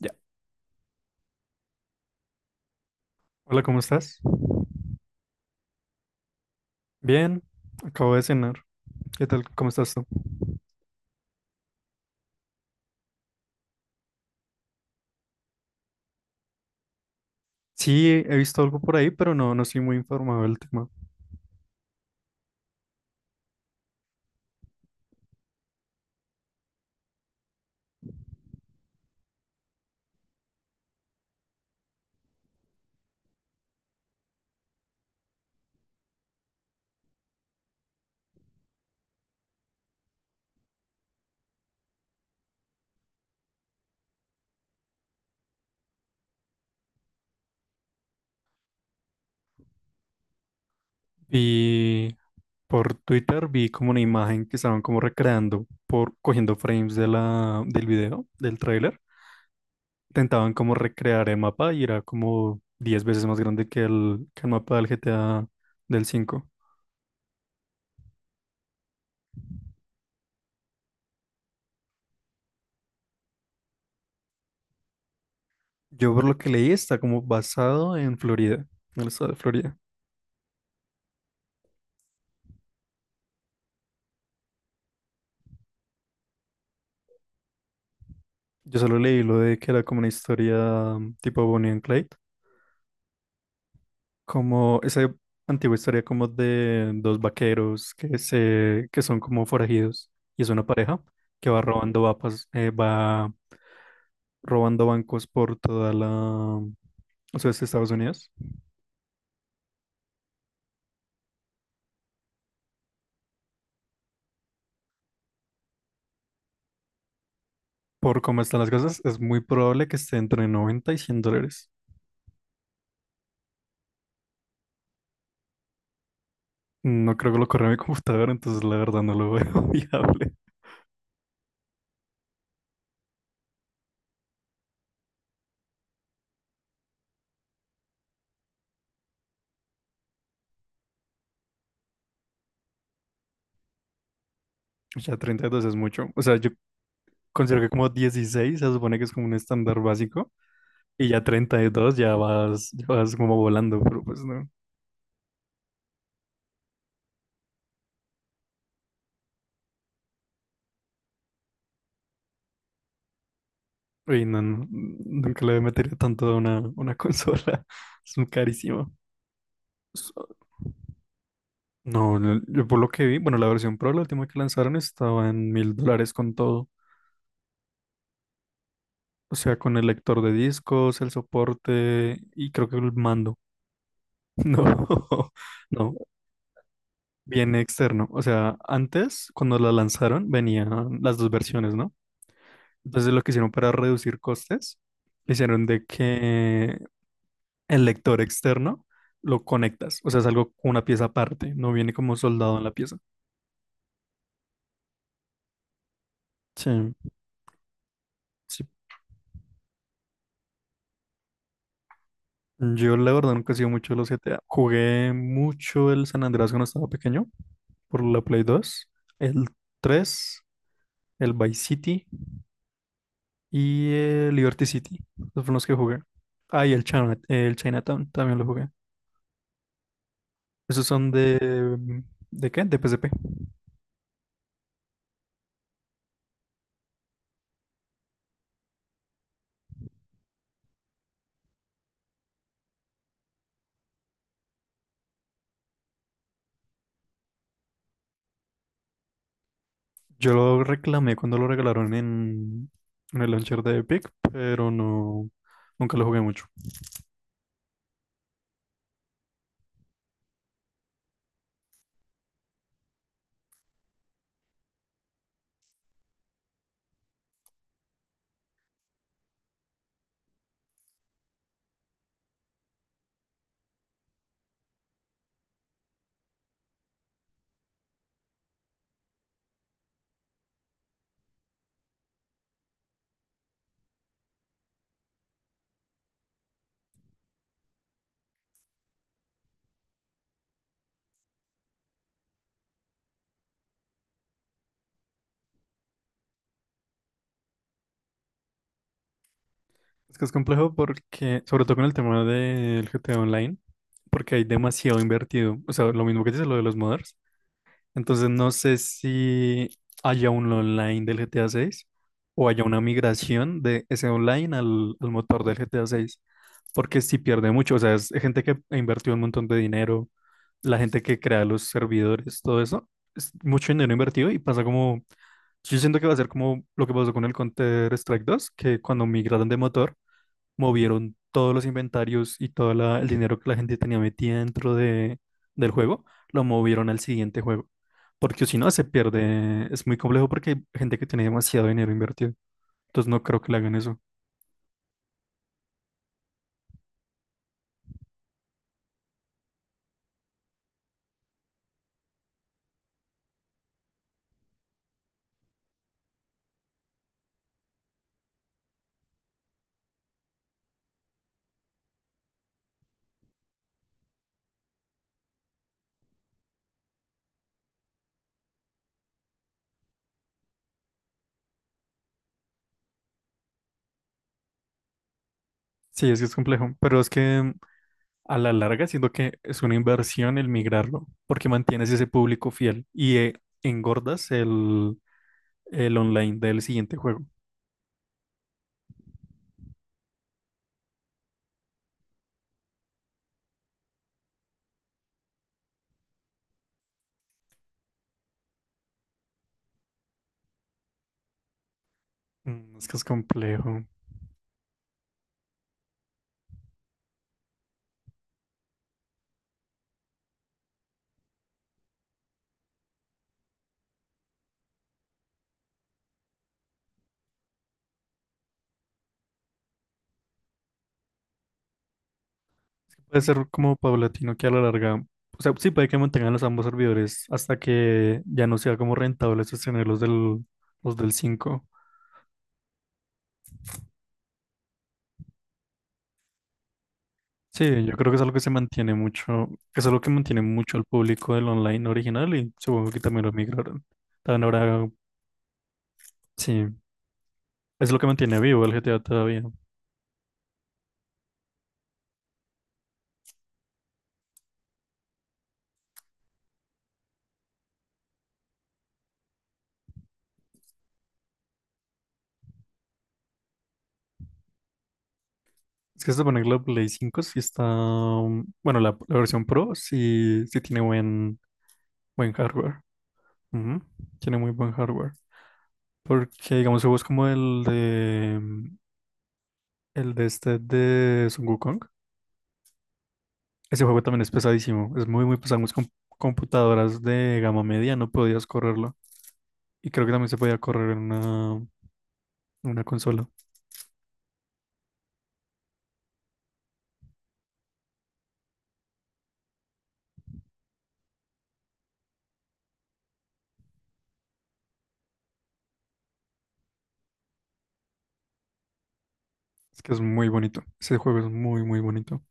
Ya. Hola, ¿cómo estás? Bien, acabo de cenar. ¿Qué tal? ¿Cómo estás tú? Sí, he visto algo por ahí, pero no estoy muy informado del tema. Y por Twitter vi como una imagen que estaban como recreando por cogiendo frames de del video, del tráiler. Intentaban como recrear el mapa y era como 10 veces más grande que que el mapa del GTA del 5. Yo por lo que leí está como basado en Florida, en el estado de Florida. Yo solo leí lo de que era como una historia tipo Bonnie and Clyde, como esa antigua historia como de dos vaqueros que son como forajidos y es una pareja que va robando vapas, va robando bancos por toda la o sea, es Estados Unidos. Por cómo están las cosas, es muy probable que esté entre 90 y $100. No creo que lo corra mi computadora, entonces la verdad no lo veo viable. Ya 32 es mucho. O sea, yo considero que como 16 se supone que es como un estándar básico y ya 32 ya vas, como volando, pero pues no. Y nunca le metería tanto a una consola. Es muy carísimo. So- No, no, yo por lo que vi, bueno, la versión Pro, la última que lanzaron, estaba en $1,000 con todo. O sea, con el lector de discos, el soporte y creo que el mando. No, no, viene externo. O sea, antes, cuando la lanzaron, venían las dos versiones, ¿no? Entonces lo que hicieron para reducir costes, hicieron de que el lector externo lo conectas, o sea, es algo con una pieza aparte, no viene como soldado en la pieza. Sí, sí. Yo la verdad nunca he sido mucho de los GTA. Jugué mucho el San Andreas cuando estaba pequeño, por la Play dos, el 3, el Vice City y el Liberty City. Esos fueron los que jugué. Ah, y el el Chinatown también lo jugué. Esos son de... ¿De qué? De PSP. Yo lo reclamé cuando lo regalaron en el launcher de Epic, pero no, nunca lo jugué mucho. Es que es complejo porque, sobre todo con el tema del GTA Online, porque hay demasiado invertido. O sea, lo mismo que dice lo de los modders. Entonces no sé si haya un online del GTA 6 o haya una migración de ese online al motor del GTA 6, porque si pierde mucho, o sea, es gente que ha invertido un montón de dinero, la gente que crea los servidores, todo eso, es mucho dinero invertido y pasa como, yo siento que va a ser como lo que pasó con el Counter-Strike 2, que cuando migraron de motor movieron todos los inventarios y todo el dinero que la gente tenía metida del juego, lo movieron al siguiente juego. Porque si no, se pierde. Es muy complejo porque hay gente que tiene demasiado dinero invertido. Entonces no creo que le hagan eso. Sí, es que es complejo. Pero es que a la larga siento que es una inversión el migrarlo, porque mantienes ese público fiel y engordas el online del siguiente juego. Es que es complejo. Puede ser como paulatino que a la larga, o sea, sí puede que mantengan los ambos servidores hasta que ya no sea como rentable sostener los del cinco. Sí, yo creo que es algo que se mantiene mucho, que es algo que mantiene mucho al público del online original y supongo que también lo migraron. También ahora, sí, es lo que mantiene vivo el GTA todavía. Es que se supone que la Play cinco sí está, bueno, la versión Pro sí, sí tiene buen, buen hardware. Ujú. Tiene muy buen hardware. Porque, digamos, juegos como el el de este de Son Wukong, ese juego también es pesadísimo. Es muy, muy pesado. Muchas computadoras de gama media no podías correrlo. Y creo que también se podía correr en en una consola. Es que es muy bonito. Ese juego es muy, muy bonito.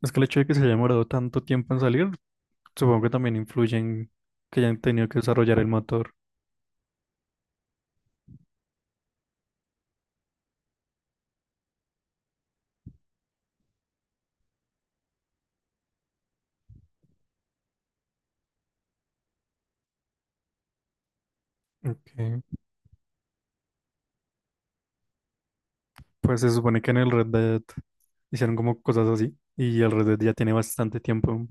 Es que el hecho de que se haya demorado tanto tiempo en salir, supongo que también influye en que hayan tenido que desarrollar el motor. Ok. Pues se supone que en el Red Dead hicieron como cosas así. Y el Red Dead ya tiene bastante tiempo.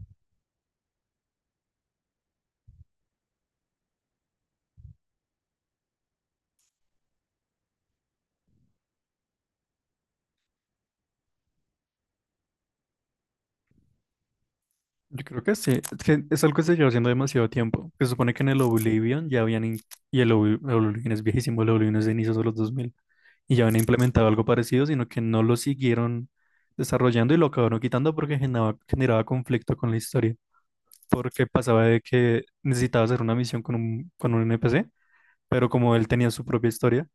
Yo creo que sí, es que es algo que se lleva haciendo demasiado tiempo. Se supone que en el Oblivion ya habían, y el el Oblivion es viejísimo, el Oblivion es de inicios de los 2000 y ya habían implementado algo parecido, sino que no lo siguieron desarrollando y lo acabaron quitando porque generaba conflicto con la historia, porque pasaba de que necesitaba hacer una misión con con un NPC, pero como él tenía su propia historia,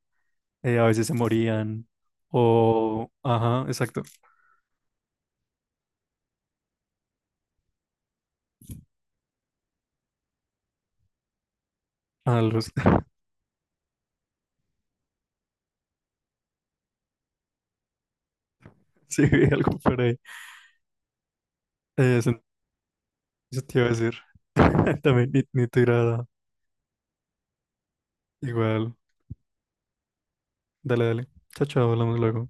a veces se morían, o... Ajá, exacto. Algo, sí, algo por ahí. Eh, Eso te iba a decir. También, ni te agrada. Igual. Dale, dale. Chao, chao, hablamos luego.